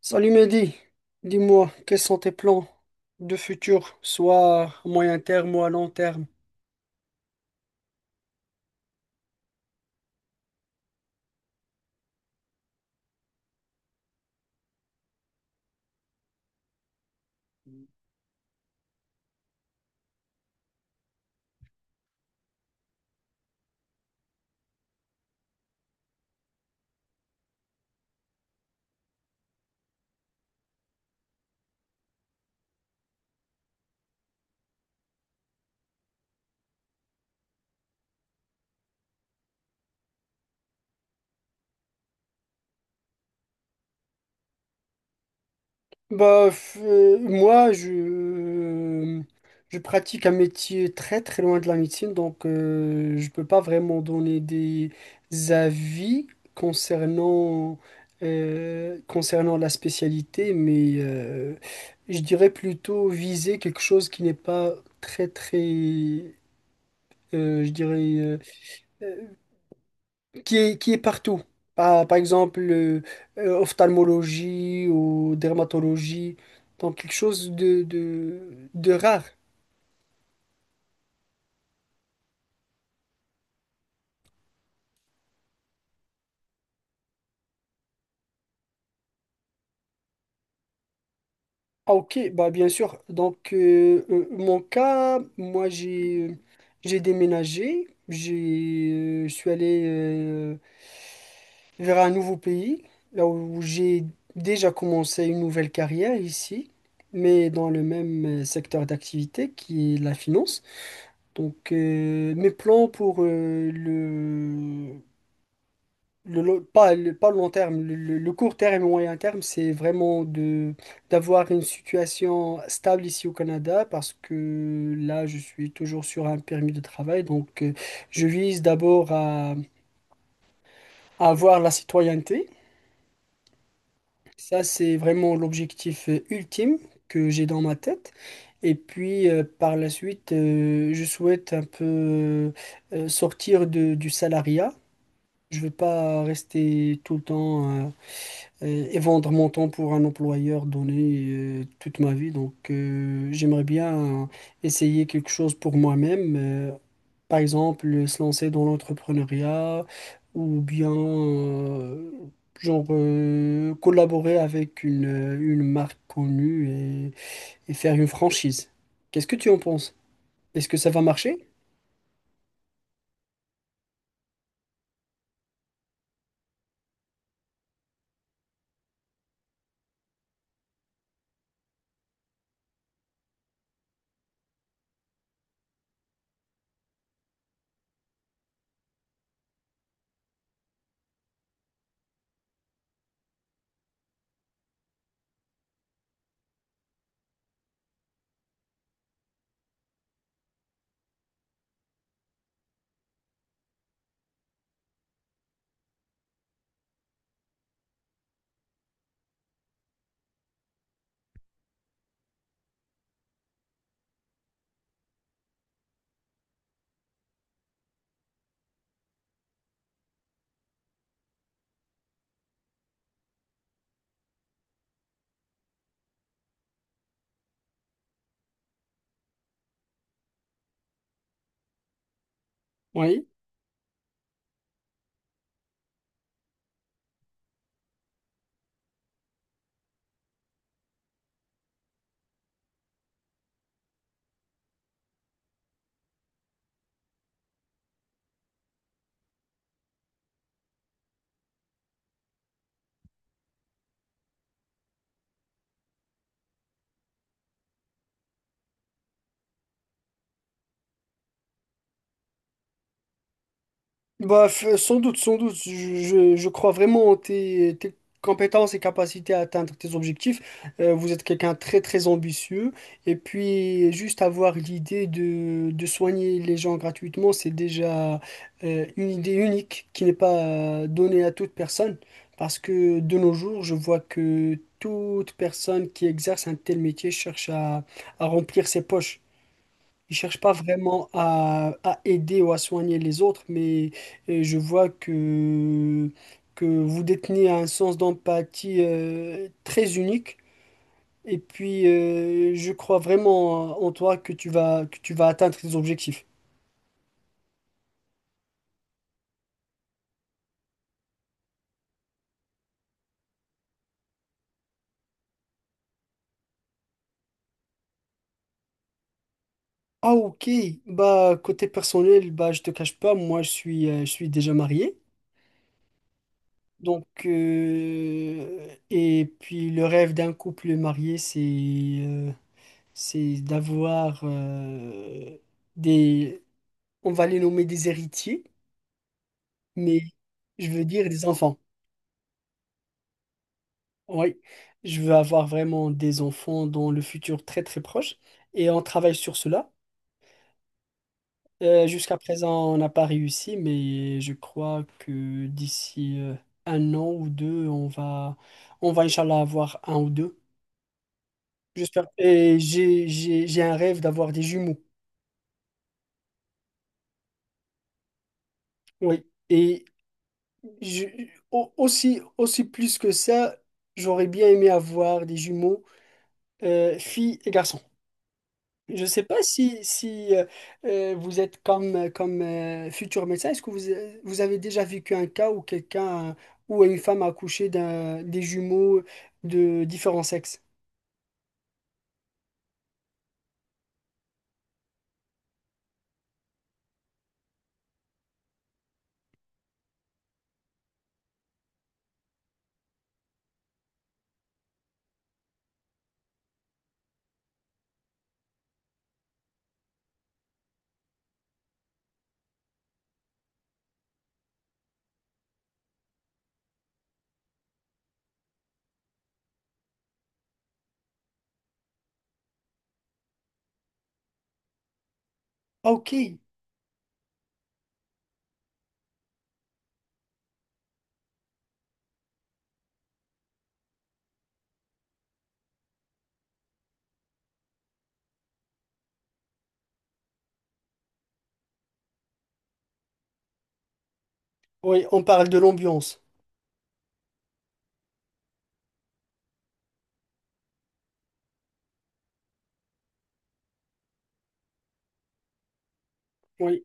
Salut Mehdi, dis-moi, quels sont tes plans de futur, soit à moyen terme ou à long terme? Bah, moi, je pratique un métier très très loin de la médecine, donc je peux pas vraiment donner des avis concernant, concernant la spécialité, mais je dirais plutôt viser quelque chose qui n'est pas très très, je dirais... euh, qui est partout. Ah, par exemple, ophtalmologie ou dermatologie. Donc, quelque chose de rare. Ah, ok, bah, bien sûr. Donc, mon cas, j'ai déménagé. J'ai, je suis allé vers un nouveau pays, là où j'ai déjà commencé une nouvelle carrière ici, mais dans le même secteur d'activité qui est la finance. Donc, mes plans pour le, lo- pas, le, pas le long terme, le court terme et le moyen terme, c'est vraiment de d'avoir une situation stable ici au Canada parce que là, je suis toujours sur un permis de travail. Donc, je vise d'abord à avoir la citoyenneté. Ça, c'est vraiment l'objectif ultime que j'ai dans ma tête. Et puis, par la suite, je souhaite un peu sortir du salariat. Je vais pas rester tout le temps et vendre mon temps pour un employeur donné toute ma vie. Donc, j'aimerais bien essayer quelque chose pour moi-même. Par exemple, se lancer dans l'entrepreneuriat ou bien, collaborer avec une marque connue et, et faire une franchise. Qu'est-ce que tu en penses? Est-ce que ça va marcher? Oui. Bah, sans doute, sans doute. Je crois vraiment en tes compétences et capacités à atteindre tes objectifs. Vous êtes quelqu'un de très, très ambitieux. Et puis, juste avoir l'idée de soigner les gens gratuitement, c'est déjà une idée unique qui n'est pas donnée à toute personne. Parce que de nos jours, je vois que toute personne qui exerce un tel métier cherche à remplir ses poches. Ils cherchent pas vraiment à aider ou à soigner les autres, mais je vois que vous détenez un sens d'empathie très unique. Et puis, je crois vraiment en toi que tu vas atteindre tes objectifs. Ah, ok. Bah, côté personnel, bah, je te cache pas, moi, je suis déjà marié. Donc, et puis, le rêve d'un couple marié, euh, c'est d'avoir des, on va les nommer des héritiers, mais je veux dire des enfants. Oui, je veux avoir vraiment des enfants dans le futur très très proche et on travaille sur cela. Jusqu'à présent, on n'a pas réussi, mais je crois que d'ici un an ou deux, on va Inch'Allah avoir un ou deux. J'espère. Et j'ai un rêve d'avoir des jumeaux. Oui. Et Je- aussi, aussi plus que ça, j'aurais bien aimé avoir des jumeaux, filles et garçons. Je ne sais pas si vous êtes comme futur médecin, est-ce que vous avez déjà vécu un cas où quelqu'un ou une femme a accouché des jumeaux de différents sexes? Ah, ok. Oui, on parle de l'ambiance. Oui.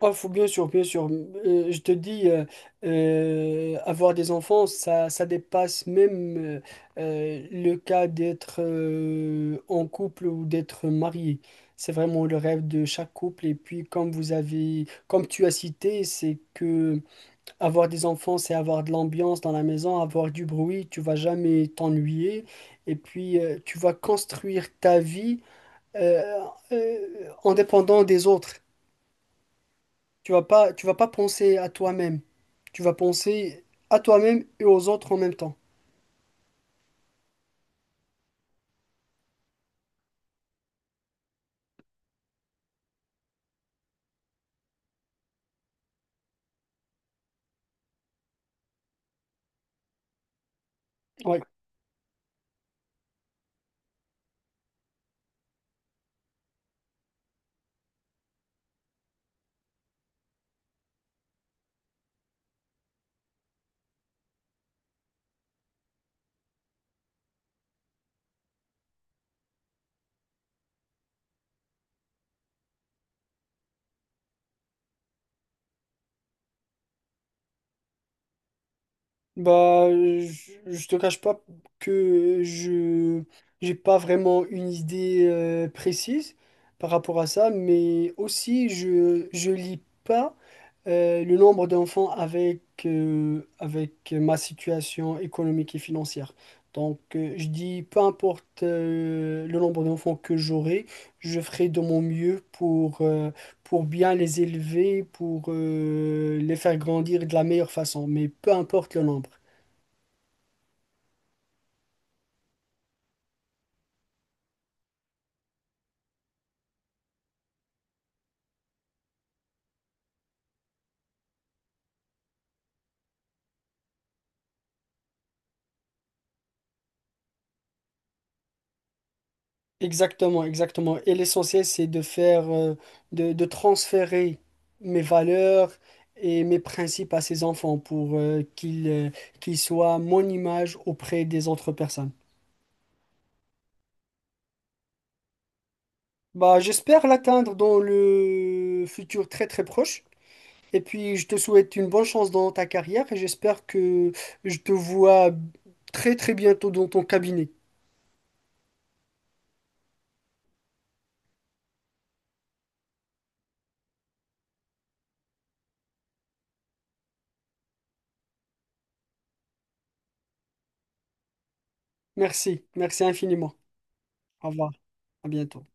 Oh, faut bien sûr, bien sûr. Je te dis, avoir des enfants, ça dépasse même le cas d'être en couple ou d'être marié. C'est vraiment le rêve de chaque couple. Et puis, comme vous avez, comme tu as cité, c'est que avoir des enfants, c'est avoir de l'ambiance dans la maison, avoir du bruit. Tu vas jamais t'ennuyer. Et puis, tu vas construire ta vie euh, euh, en dépendant des autres. Tu vas pas penser à toi-même. Tu vas penser à toi-même et aux autres en même temps. Ouais. Bah, je te cache pas que je j'ai pas vraiment une idée précise par rapport à ça, mais aussi je lis pas le nombre d'enfants avec avec ma situation économique et financière. Donc, je dis peu importe le nombre d'enfants que j'aurai, je ferai de mon mieux pour bien les élever, pour les faire grandir de la meilleure façon, mais peu importe le nombre. Exactement, exactement. Et l'essentiel, c'est de faire, de transférer mes valeurs et mes principes à ces enfants pour qu'ils soient mon image auprès des autres personnes. Bah, j'espère l'atteindre dans le futur très très proche. Et puis, je te souhaite une bonne chance dans ta carrière et j'espère que je te vois très très bientôt dans ton cabinet. Merci, merci infiniment. Au revoir, à bientôt.